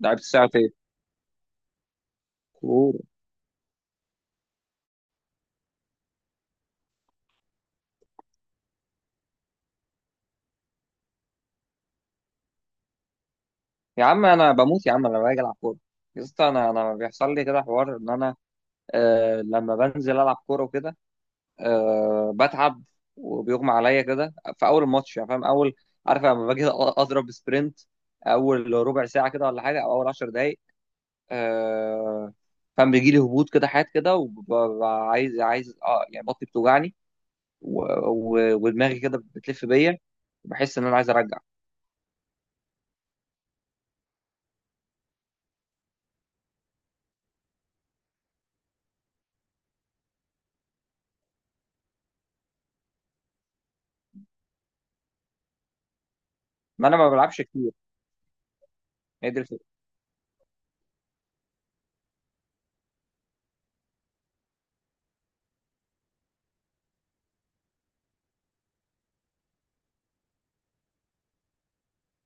لعبت ساعتين كوره. يا عم، انا بموت يا عم لما باجي العب كوره. يا اسطى، انا بيحصل لي كده حوار ان انا آه لما بنزل العب كوره وكده. آه، بتعب وبيغمى عليا كده في اول الماتش، يعني فاهم اول، عارف لما باجي اضرب سبرنت اول ربع ساعه كده ولا حاجه او اول 10 دقائق. آه، فاهم بيجي لي هبوط كده، حاجات كده، وببقى عايز يعني بطني بتوجعني ودماغي كده بتلف بيا. بحس ان انا عايز ارجع. ما انا ما بلعبش كتير. هي دي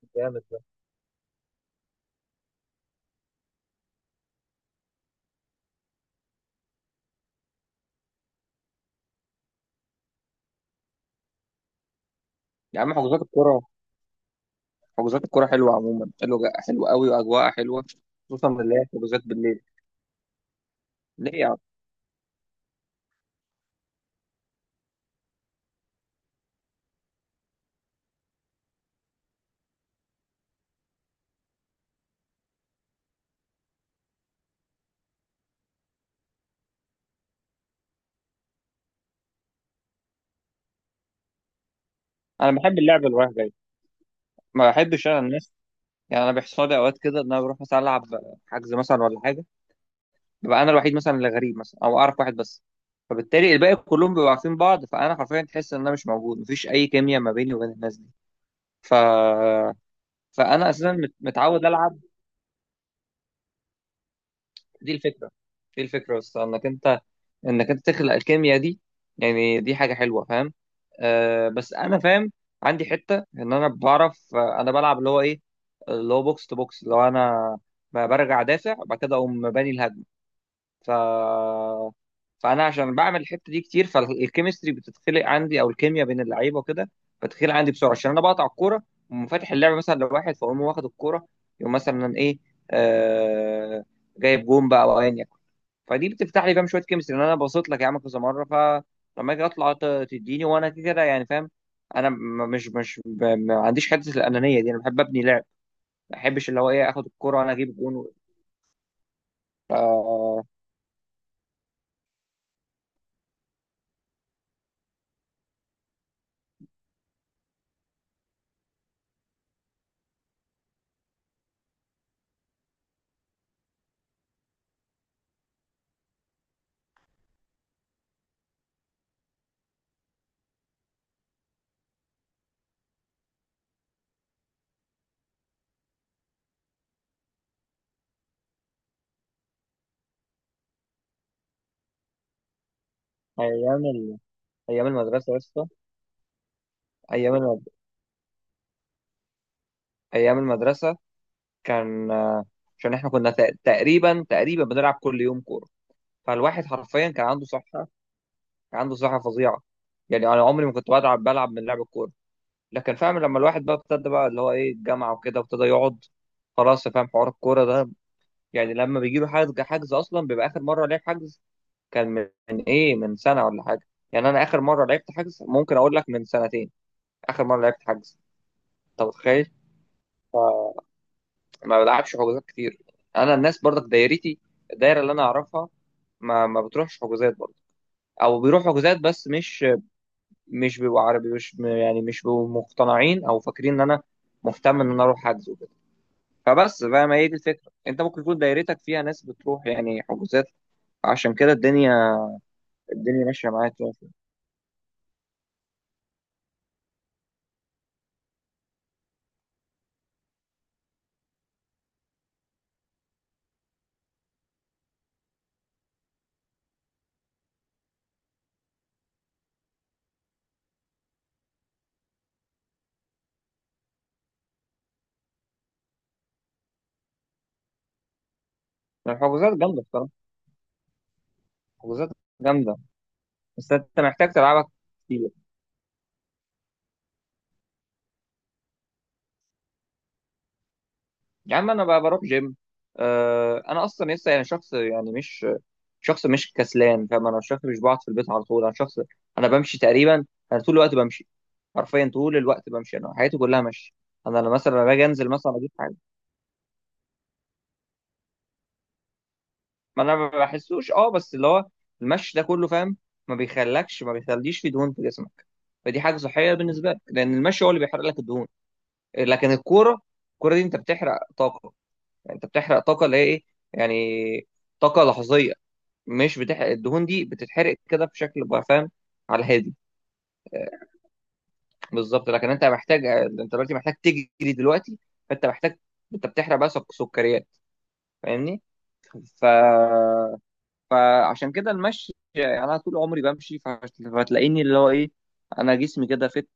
الفكره. يا عم، حجوزات الكرة حلوة، عموما حلوة، حلوة قوي وأجواءها حلوة، خصوصا اللي هي حجوزات بالليل. ليه يا عم؟ أنا بحب اللعب اللي رايح جاي، ما بحبش أنا الناس. يعني أنا بيحصل لي أوقات كده إن أنا بروح مثلا ألعب حجز مثلا ولا حاجة، ببقى أنا الوحيد مثلا اللي غريب، مثلا أو أعرف واحد بس، فبالتالي الباقي كلهم بيبقوا عارفين بعض، فأنا حرفيا تحس إن أنا مش موجود، مفيش أي كيمياء ما بيني وبين الناس دي. ف... فأنا أساسا متعود ألعب. دي الفكره. دي الفكره بس انك انت تخلق الكيمياء دي، يعني دي حاجه حلوه فاهم. آه، بس انا فاهم، عندي حته ان انا بعرف، آه، انا بلعب اللي هو ايه، اللي هو بوكس تو بوكس، اللي هو انا برجع دافع بعد كده اقوم باني الهجمه. ف فانا عشان بعمل الحته دي كتير، فالكيمستري بتتخلق عندي، او الكيمياء بين اللعيبه وكده بتتخلق عندي بسرعه، عشان انا بقطع الكوره وفاتح اللعب مثلا لواحد، فاقوم واخد الكوره، يقوم مثلا ايه، آه، جايب جون بقى او ايا يكن. فدي بتفتح لي فاهم شويه كيمستري، ان انا بصيت لك يا عم كذا مره، فلما اجي اطلع تديني وانا كده كده، يعني فاهم. انا مش ما عنديش حته الانانيه دي، انا بحب ابني لعب، ما بحبش اللي هو ايه اخد الكوره وانا اجيب جون. آه، ايام ال... ايام المدرسه يا اسطى، ايام المد... ايام المدرسه كان آه، عشان احنا كنا تقريبا تقريبا بنلعب كل يوم كوره، فالواحد حرفيا كان عنده صحه، كان عنده صحه فظيعه. يعني انا عمري ما كنت بلعب من لعب الكوره. لكن فاهم لما الواحد بقى ابتدى بقى اللي هو ايه الجامعه وكده وابتدى يقعد، خلاص فاهم حوار الكوره ده. يعني لما بيجي له حجز اصلا بيبقى اخر مره لعب حجز كان من ايه من سنه ولا حاجه. يعني انا اخر مره لعبت حجز ممكن اقول لك من سنتين. اخر مره لعبت حجز، انت متخيل؟ فما بلعبش حجوزات كتير. انا الناس برضك دايرتي، الدايره اللي انا اعرفها ما بتروحش حجوزات برضه، او بيروح حجوزات بس مش، مش بيبقوا عربي، مش يعني مش بيبقوا مقتنعين او فاكرين ان انا مهتم ان انا اروح حجز. فبس بقى ما هي دي الفكرة، انت ممكن يكون دايرتك فيها ناس بتروح يعني حجوزات، عشان كده الدنيا، الدنيا ماشية معاك يعني. الحجوزات جامدة بصراحة، الحجوزات جامدة، بس انت محتاج تلعبها كتير. يا عم انا بقى بروح جيم. آه، انا اصلا لسه يعني شخص، يعني مش شخص مش كسلان، فاهم، انا شخص مش بقعد في البيت على طول، انا شخص، انا بمشي تقريبا، انا طول الوقت بمشي، حرفيا طول الوقت بمشي، انا حياتي كلها مشي. انا لما مثلا لما باجي انزل مثلا اجيب حاجة. ما انا ما بحسوش، بس اللي هو المشي ده كله فاهم، ما بيخليش في دهون في جسمك، فدي حاجه صحيه بالنسبه لك لان المشي هو اللي بيحرق لك الدهون. لكن الكوره، الكوره دي انت بتحرق طاقه، يعني انت بتحرق طاقه اللي هي ايه، يعني طاقه لحظيه، مش بتحرق الدهون، دي بتتحرق كده بشكل بقى فاهم، على الهادي. آه، بالظبط، لكن انت محتاج، انت دلوقتي محتاج تجري دلوقتي، فانت محتاج، انت بتحرق بقى سكريات، فاهمني. ف فعشان كده المشي، يعني انا طول عمري بمشي، فهتلاقيني اللي هو ايه، انا جسمي كده فت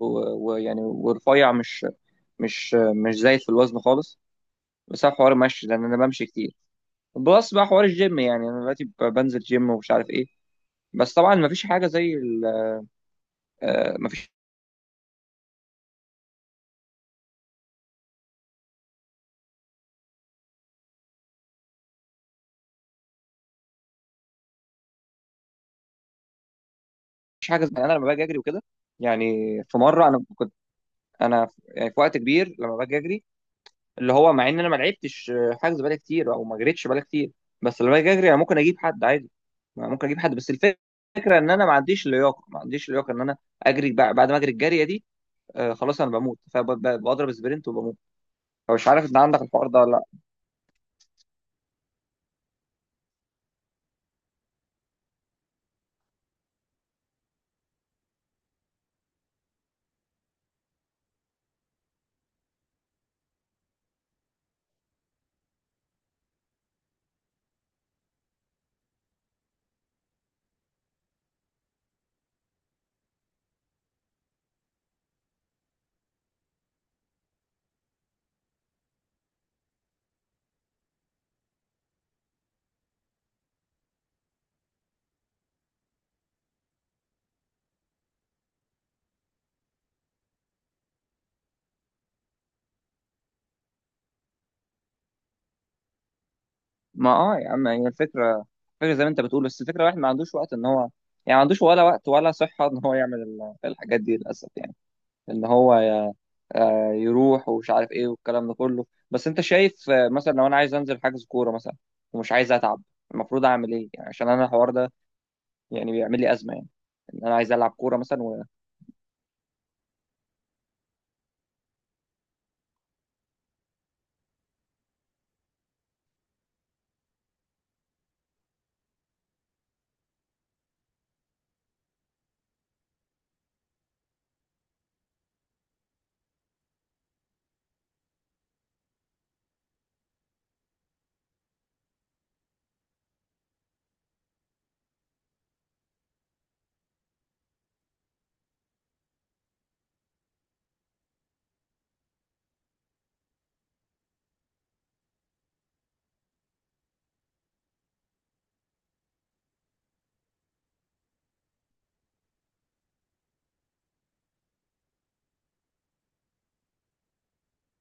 و- ويعني ورفيع مش زايد في الوزن خالص، بسبب حوار المشي لان انا بمشي كتير. بلس بقى حوار الجيم، يعني انا دلوقتي بنزل جيم ومش عارف ايه، بس طبعا مفيش حاجه زي آه، مفيش حاجه زي، يعني انا لما باجي اجري وكده، يعني في مره انا كنت، انا يعني في وقت كبير لما باجي اجري، اللي هو مع ان انا ما لعبتش حجز بقالي كتير او ما جريتش بقالي كتير، بس لما باجي اجري انا ممكن اجيب حد عادي، أنا ممكن اجيب حد، بس الفكره ان انا ما عنديش لياقه، ما عنديش لياقه ان انا اجري بعد ما اجري الجاريه دي، آه خلاص انا بموت فبضرب سبرنت وبموت. فمش عارف ان عندك الحوار ده ولا لا. ما يا عم هي الفكره، الفكره زي ما انت بتقول، بس الفكره الواحد ما عندوش وقت ان هو، يعني ما عندوش ولا وقت ولا صحه ان هو يعمل الحاجات دي للاسف، يعني ان هو آه، يروح ومش عارف ايه والكلام ده كله. بس انت شايف، آه، مثلا لو انا عايز انزل حجز كوره مثلا ومش عايز اتعب، المفروض اعمل ايه يعني، عشان انا الحوار ده يعني بيعمل لي ازمه، يعني ان انا عايز العب كوره مثلا.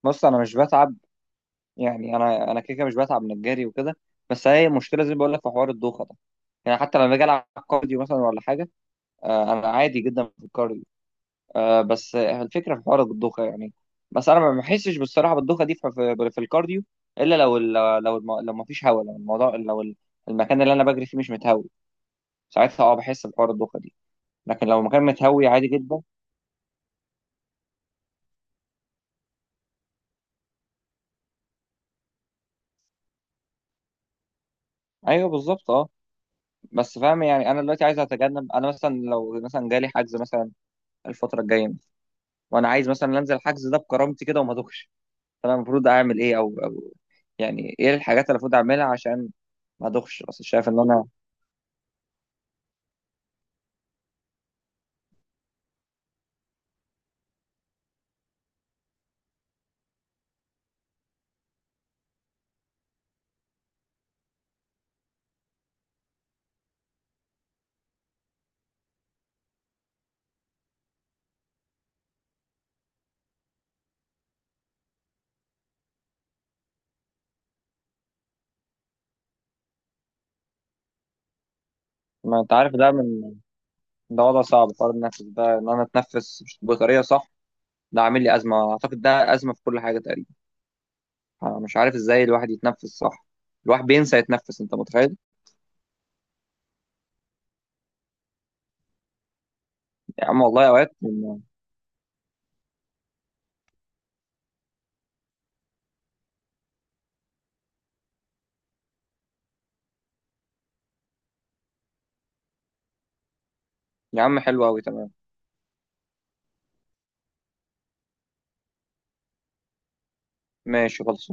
بص انا مش بتعب، يعني انا كده كده مش بتعب من الجري وكده، بس هي مشكله زي ما بقول لك في حوار الدوخه ده، يعني حتى لما باجي العب كارديو مثلا ولا حاجه، آه، انا عادي جدا في الكارديو، آه بس الفكره في حوار الضخه يعني، بس انا ما بحسش بالصراحه بالضخه دي في الكارديو، الا لو لو لو ما فيش هواء، لو الموضوع لو المكان اللي انا بجري فيه مش متهوي، ساعتها بحس بحوار الضخه دي، لكن لو المكان متهوي عادي جدا. ايوه بالظبط اه. بس فاهم يعني انا دلوقتي عايز اتجنب، انا مثلا لو مثلا جالي حجز مثلا الفتره الجايه، وانا عايز مثلا انزل الحجز ده بكرامتي كده وما ادوخش، فانا المفروض اعمل ايه او، يعني ايه الحاجات اللي المفروض اعملها عشان ما ادوخش، بس شايف ان انا، ما انت عارف ده، ده وضع صعب، قرار النفس ده ان انا اتنفس بطريقه صح ده عامل لي ازمه، اعتقد ده ازمه في كل حاجه تقريبا، انا مش عارف ازاي الواحد يتنفس صح، الواحد بينسى يتنفس، انت متخيل؟ يا عم والله اوقات. يا عم حلو قوي، تمام، ماشي خلص.